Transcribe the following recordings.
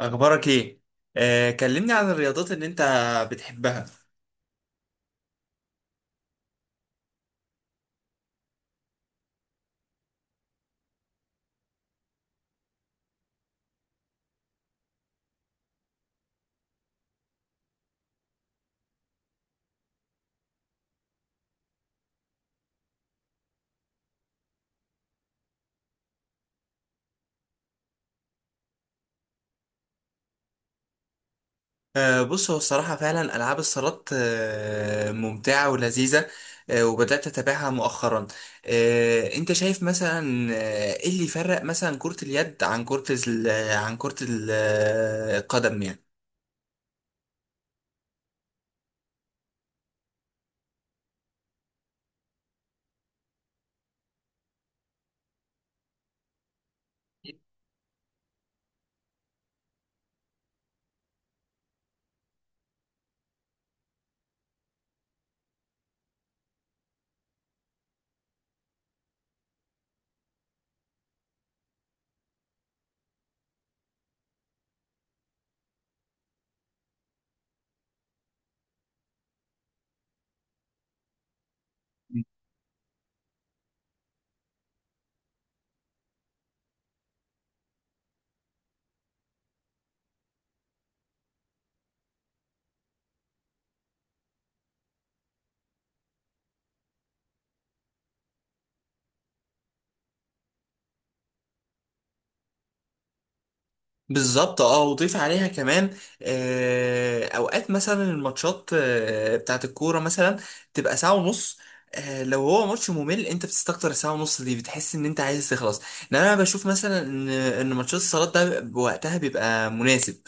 اخبارك ايه؟ كلمني عن الرياضات اللي انت بتحبها. بص، هو الصراحه فعلا العاب الصالات ممتعه ولذيذه. وبدات اتابعها مؤخرا. انت شايف مثلا، ايه اللي يفرق مثلا كره اليد عن القدم يعني؟ بالظبط. اه، وضيف عليها كمان، اوقات مثلا الماتشات بتاعت الكوره مثلا تبقى ساعه ونص. لو هو ماتش ممل، انت بتستكتر الساعه ونص دي، بتحس ان انت عايز تخلص، لان انا بشوف مثلا ان ماتشات الصالات ده بوقتها بيبقى مناسب.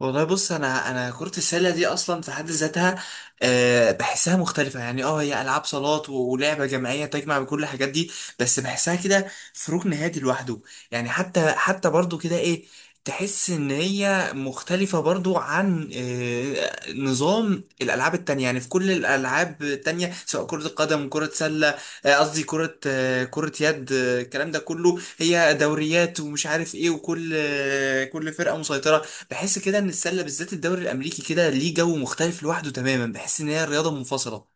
والله، بص، انا كرة السلة دي اصلا في حد ذاتها، بحسها مختلفة يعني. اه، هي العاب صالات ولعبة جماعية تجمع بكل الحاجات دي، بس بحسها كده في ركن هادي لوحده. يعني، حتى برضو كده، ايه، تحس ان هي مختلفة برضو عن نظام الالعاب التانية. يعني في كل الالعاب التانية سواء كرة القدم، كرة سلة، قصدي كرة، كرة يد، الكلام ده كله، هي دوريات ومش عارف ايه، وكل كل فرقة مسيطرة. بحس كده ان السله بالذات، الدوري الامريكي كده، ليه جو مختلف لوحده تماما. بحس ان هي رياضه منفصله.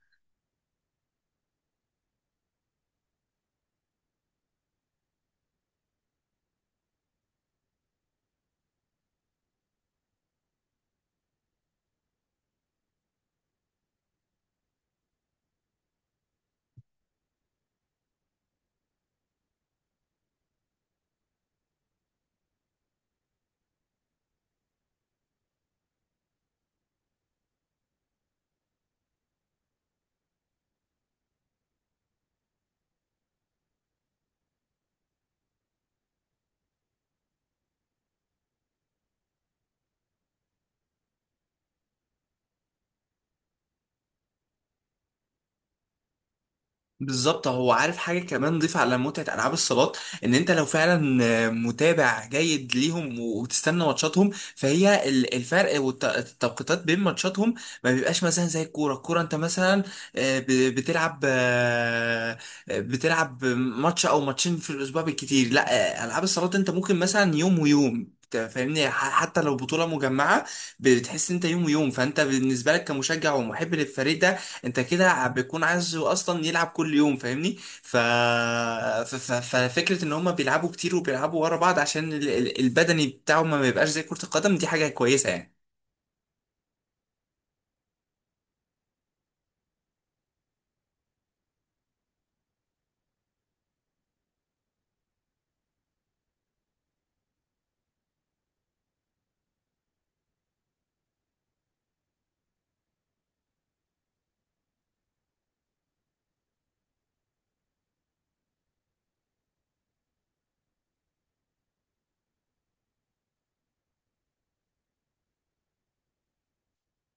بالظبط، هو عارف حاجة كمان ضيف على متعة ألعاب الصالات، إن أنت لو فعلا متابع جيد ليهم وبتستنى ماتشاتهم، فهي الفرق والتوقيتات بين ماتشاتهم ما بيبقاش مثلا زي الكورة. الكورة أنت مثلا، بتلعب بتلعب ماتش أو ماتشين في الأسبوع بالكتير. لا، ألعاب الصالات أنت ممكن مثلا يوم ويوم، أنت فاهمني، حتى لو بطولة مجمعة بتحس إن أنت يوم ويوم، فأنت بالنسبة لك كمشجع ومحب للفريق ده، انت كده بيكون عايز اصلا يلعب كل يوم، فاهمني؟ ف... ففكره ان هم بيلعبوا كتير وبيلعبوا ورا بعض، عشان البدني بتاعهم ما يبقاش زي كره القدم، دي حاجه كويسه يعني.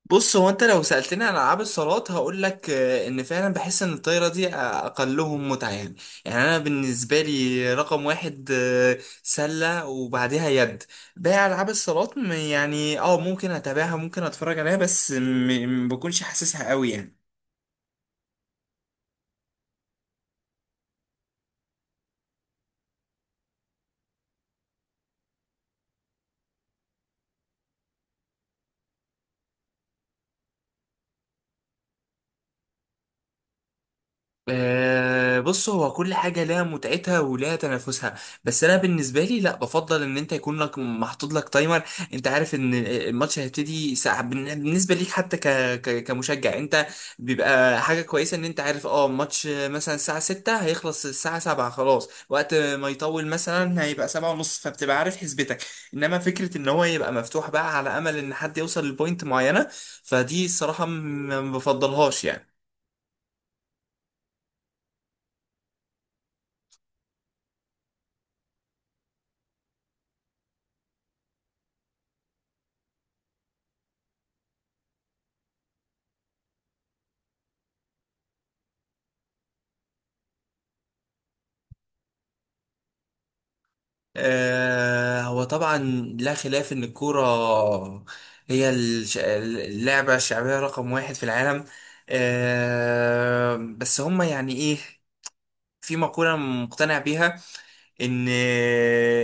بص، هو انت لو سالتني عن العاب الصالات هقول لك ان فعلا بحس ان الطايره دي اقلهم متعه يعني. يعني انا بالنسبه لي، رقم واحد سله وبعديها يد. باقي العاب الصالات، يعني اه ممكن اتابعها، ممكن اتفرج عليها بس، ما بكونش حاسسها قوي يعني. بص، هو كل حاجة لها متعتها ولها تنافسها، بس أنا بالنسبة لي لا، بفضل إن أنت يكون لك محطوط لك تايمر. أنت عارف إن الماتش هيبتدي ساعة بالنسبة ليك. حتى كمشجع، أنت بيبقى حاجة كويسة إن أنت عارف. أه الماتش مثلا الساعة 6 هيخلص الساعة 7، خلاص، وقت ما يطول مثلا هيبقى 7 ونص، فبتبقى عارف حسبتك. إنما فكرة إن هو يبقى مفتوح بقى على أمل إن حد يوصل لبوينت معينة، فدي الصراحة ما بفضلهاش يعني. هو طبعا لا خلاف ان الكوره هي اللعبه الشعبيه رقم واحد في العالم. بس هم يعني ايه، في مقوله مقتنع بيها ان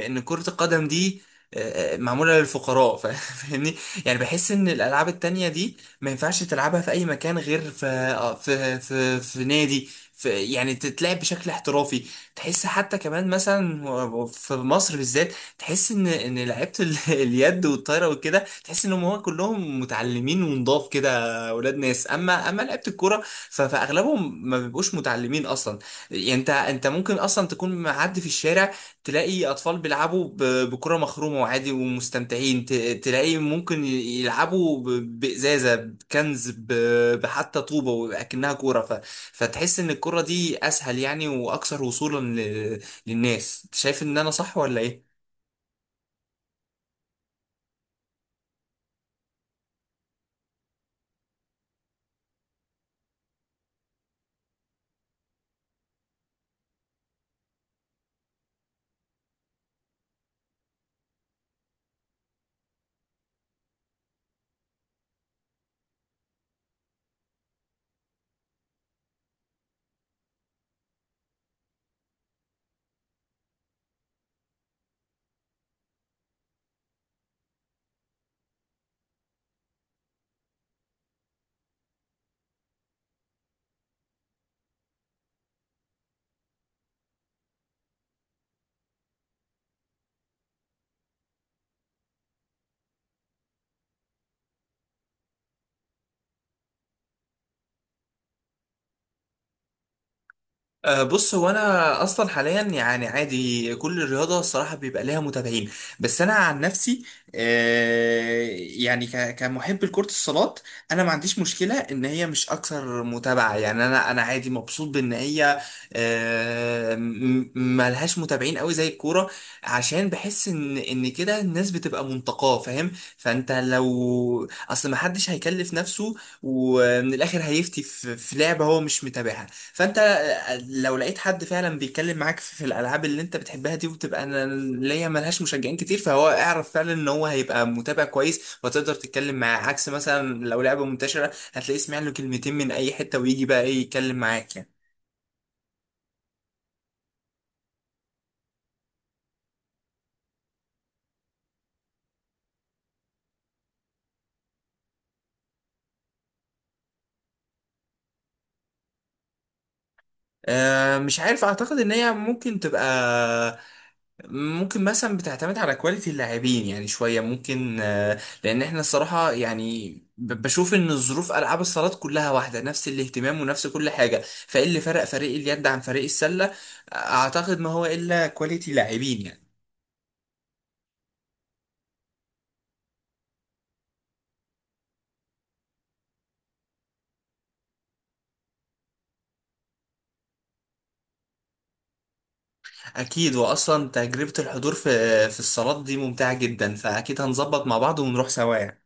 كرة القدم دي معمولة للفقراء، فاهمني؟ يعني بحس ان الالعاب التانية دي ما ينفعش تلعبها في اي مكان غير في نادي، في يعني تتلعب بشكل احترافي. تحس حتى كمان مثلا، في مصر بالذات، تحس ان لعيبه اليد والطايره وكده، تحس انهم هو كلهم متعلمين ونضاف كده، اولاد ناس. اما لعيبه الكوره، فاغلبهم ما بيبقوش متعلمين اصلا. يعني انت ممكن اصلا تكون معدي في الشارع، تلاقي اطفال بيلعبوا بكرة مخرومة وعادي ومستمتعين، تلاقي ممكن يلعبوا بإزازة، بكنز، بحتى طوبة وأكنها كورة. فتحس ان الكرة دي اسهل يعني واكثر وصولا للناس. أنت شايف ان انا صح ولا ايه؟ أه، بص، هو انا اصلا حاليا يعني عادي كل الرياضه الصراحه بيبقى ليها متابعين. بس انا عن نفسي أه، يعني كمحب لكره الصالات، انا ما عنديش مشكله ان هي مش اكثر متابعه، يعني انا عادي مبسوط بان هي أه، ملهاش متابعين قوي زي الكوره. عشان بحس ان كده الناس بتبقى منتقاه، فاهم؟ فانت لو اصل ما حدش هيكلف نفسه، ومن الاخر هيفتي في لعبه هو مش متابعها. فانت لو لقيت حد فعلا بيتكلم معاك في الالعاب اللي انت بتحبها دي، وبتبقى انا ليا ملهاش مشجعين كتير، فهو اعرف فعلا ان هو هيبقى متابع كويس، وتقدر تتكلم معاه. عكس مثلا لو لعبة منتشرة، هتلاقيه سمع له كلمتين من اي حتة ويجي بقى ايه يتكلم معاك يعني. أه، مش عارف، اعتقد ان هي ممكن تبقى ممكن مثلا بتعتمد على كواليتي اللاعبين يعني، شوية ممكن، لأن احنا الصراحة يعني، بشوف إن الظروف ألعاب الصالات كلها واحدة، نفس الاهتمام ونفس كل حاجة، فإيه اللي فرق فريق اليد عن فريق السلة؟ أعتقد ما هو إلا كواليتي لاعبين يعني. أكيد، وأصلا تجربة الحضور في في الصالات دي ممتعة جدا، فأكيد هنظبط مع بعض ونروح سوا يعني.